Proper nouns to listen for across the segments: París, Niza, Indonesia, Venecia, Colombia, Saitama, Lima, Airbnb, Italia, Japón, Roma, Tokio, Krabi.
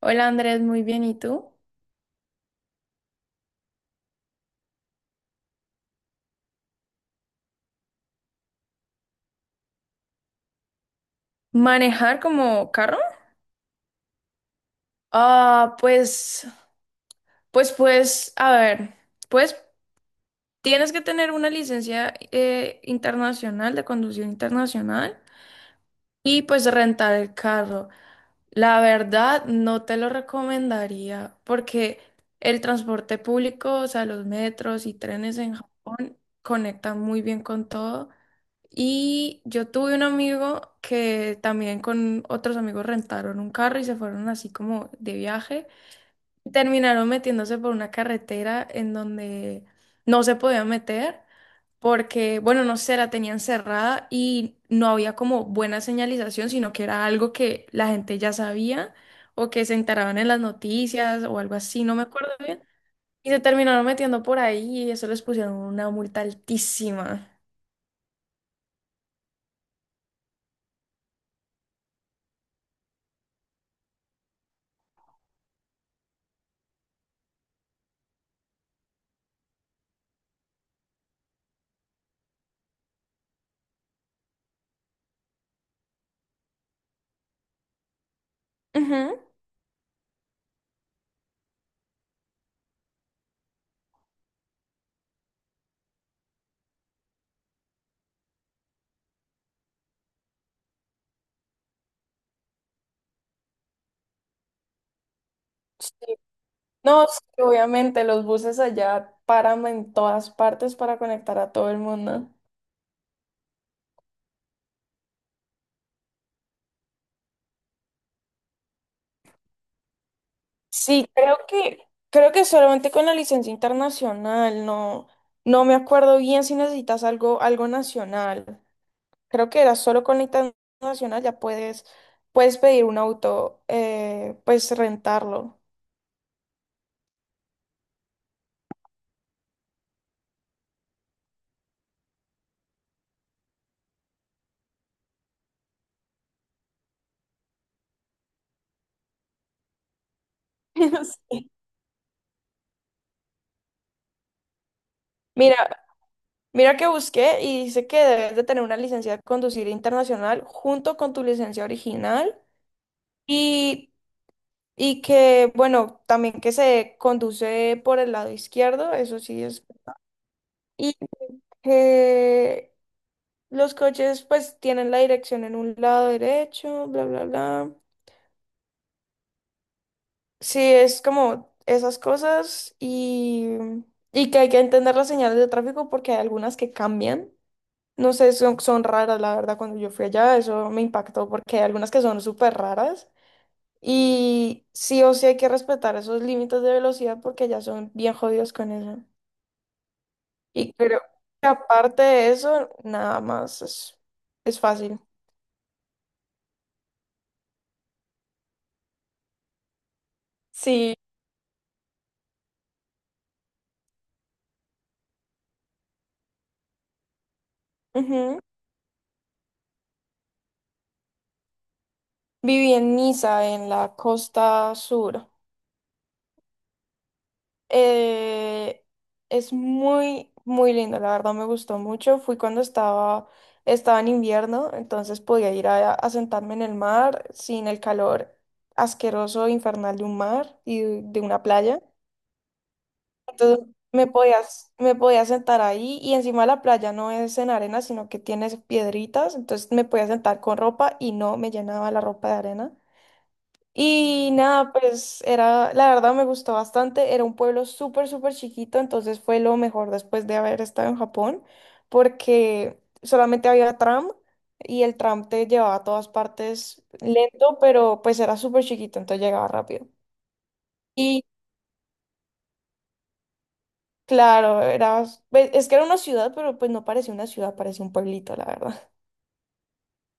Hola Andrés, muy bien, ¿y tú? ¿Manejar como carro? Ah, pues, pues, a ver, pues tienes que tener una licencia internacional de conducción internacional y pues rentar el carro. La verdad, no te lo recomendaría porque el transporte público, o sea, los metros y trenes en Japón conectan muy bien con todo. Y yo tuve un amigo que también con otros amigos rentaron un carro y se fueron así como de viaje. Terminaron metiéndose por una carretera en donde no se podían meter porque, bueno, no sé, la tenían cerrada y no había como buena señalización, sino que era algo que la gente ya sabía o que se enteraban en las noticias o algo así, no me acuerdo bien. Y se terminaron metiendo por ahí y eso les pusieron una multa altísima. Ujú. No, sí, obviamente los buses allá paran en todas partes para conectar a todo el mundo. Sí, creo que solamente con la licencia internacional, no me acuerdo bien si necesitas algo nacional. Creo que era solo con la internacional ya puedes pedir un auto, pues rentarlo. Sí. Mira, mira que busqué y dice que debes de tener una licencia de conducir internacional junto con tu licencia original. Y Y que, bueno, también que se conduce por el lado izquierdo, eso sí es. Y que los coches pues tienen la dirección en un lado derecho, bla, bla, bla. Sí, es como esas cosas y que hay que entender las señales de tráfico porque hay algunas que cambian. No sé, son raras, la verdad, cuando yo fui allá, eso me impactó porque hay algunas que son súper raras. Y sí o sí hay que respetar esos límites de velocidad porque ya son bien jodidos con eso. Y creo que aparte de eso, nada más es fácil. Sí, ujú. Viví en Niza, en la costa sur. Eh, es muy, muy lindo, la verdad me gustó mucho. Fui cuando estaba en invierno, entonces podía ir a sentarme en el mar sin el calor asqueroso, infernal de un mar y de una playa. Entonces me podía sentar ahí y encima la playa no es en arena, sino que tienes piedritas, entonces me podía sentar con ropa y no me llenaba la ropa de arena. Y nada, pues era, la verdad me gustó bastante, era un pueblo súper, súper chiquito, entonces fue lo mejor después de haber estado en Japón, porque solamente había tram y el tram te llevaba a todas partes lento, pero pues era súper chiquito, entonces llegaba rápido. Claro, era, pues, es que era una ciudad, pero pues no parecía una ciudad, parecía un pueblito, la verdad.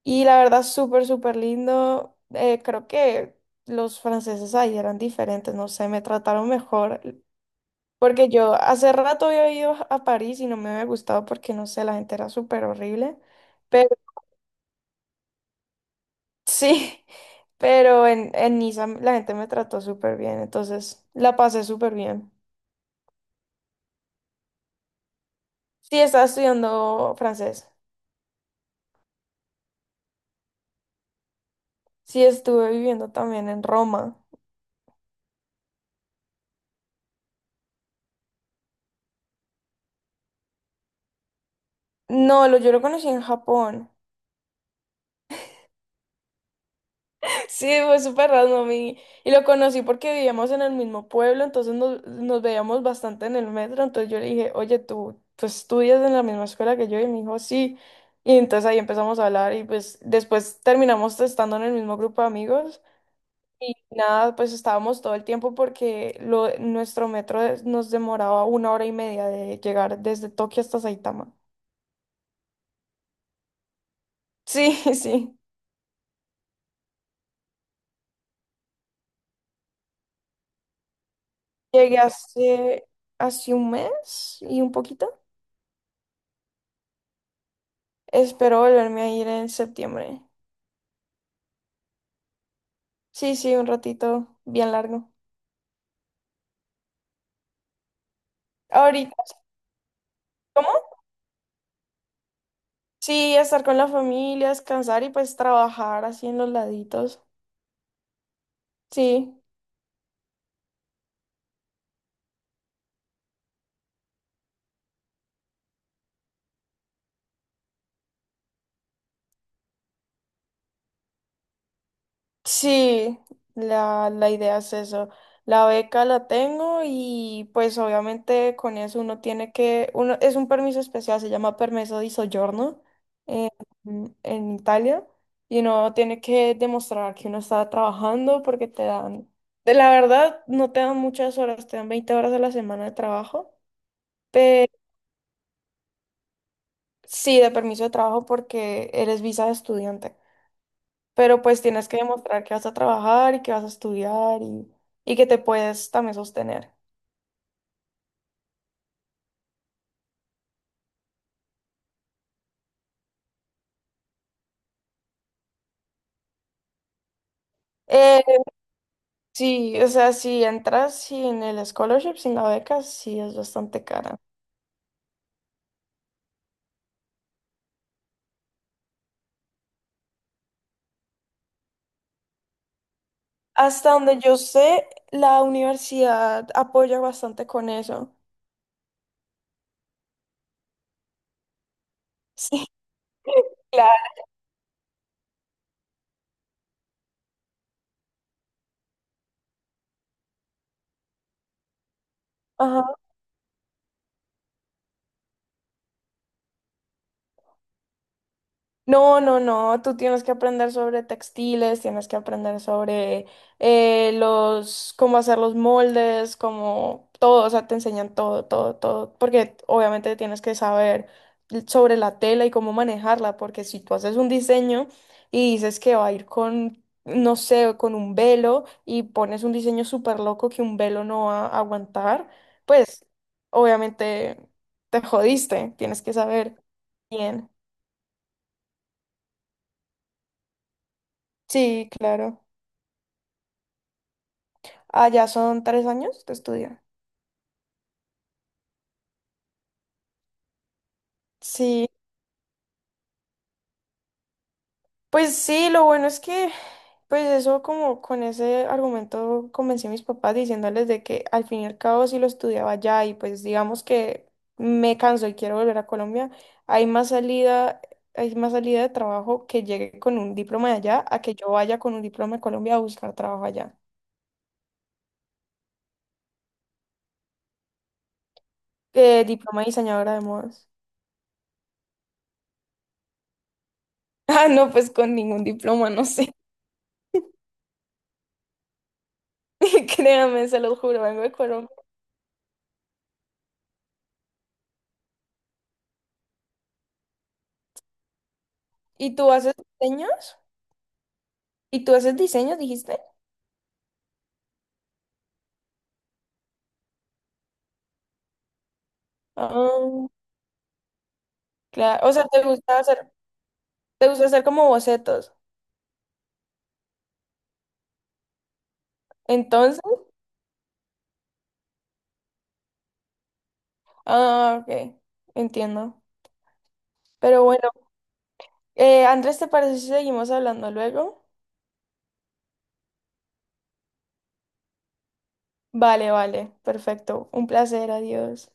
Y la verdad, súper, súper lindo. Creo que los franceses ahí eran diferentes, no sé, me trataron mejor. Porque yo hace rato había ido a París y no me había gustado porque, no sé, la gente era súper horrible. Pero sí, pero en Niza la gente me trató súper bien, entonces la pasé súper bien. Sí, estaba estudiando francés. Sí, estuve viviendo también en Roma. No, lo, Yo lo conocí en Japón. Sí, fue súper random y lo conocí porque vivíamos en el mismo pueblo, entonces nos veíamos bastante en el metro, entonces yo le dije, oye, tú estudias en la misma escuela que yo y me dijo, sí. Y entonces ahí empezamos a hablar y pues después terminamos estando en el mismo grupo de amigos y nada, pues estábamos todo el tiempo porque lo, nuestro metro nos demoraba 1 hora y media de llegar desde Tokio hasta Saitama. Sí, sí. Llegué hace 1 mes y un poquito. Espero volverme a ir en septiembre. Sí, sí, un ratito bien largo. Ahorita, ¿cómo? Sí, estar con la familia, descansar y pues trabajar así en los laditos. Sí. Sí, la idea es eso. La beca la tengo y pues obviamente con eso uno tiene que, uno, es un permiso especial, se llama permiso di soggiorno en, en Italia y uno tiene que demostrar que uno está trabajando porque te dan, de la verdad no te dan muchas horas, te dan 20 horas a la semana de trabajo, pero sí, de permiso de trabajo porque eres visa de estudiante. Pero pues tienes que demostrar que vas a trabajar y que vas a estudiar y que te puedes también sostener. Eh, sí, o sea, si entras sin el scholarship, sin la beca, sí es bastante cara. Hasta donde yo sé, la universidad apoya bastante con eso. Sí, claro. Ajá. No, no, no, tú tienes que aprender sobre textiles, tienes que aprender sobre cómo hacer los moldes, cómo todo, o sea, te enseñan todo, todo, todo, porque obviamente tienes que saber sobre la tela y cómo manejarla, porque si tú haces un diseño y dices que va a ir con, no sé, con un velo y pones un diseño súper loco que un velo no va a aguantar, pues obviamente te jodiste, tienes que saber bien. Sí, claro. Ah, ya son 3 años de estudio. Sí, pues sí, lo bueno es que, pues eso como con ese argumento convencí a mis papás diciéndoles de que al fin y al cabo si lo estudiaba allá y pues digamos que me canso y quiero volver a Colombia, hay más salida, hay más salida de trabajo que llegue con un diploma de allá a que yo vaya con un diploma de Colombia a buscar trabajo allá. Diploma de diseñadora de modas. Ah, no, pues con ningún diploma, no sé. Créame, se lo juro, vengo de Colombia. ¿Y tú haces diseños? ¿Y tú haces diseños, dijiste? Ah, claro. O sea, te gusta hacer como bocetos. Entonces, ah, ok, entiendo. Pero bueno, Andrés, ¿te parece si seguimos hablando luego? Vale, vale, perfecto. Un placer, adiós.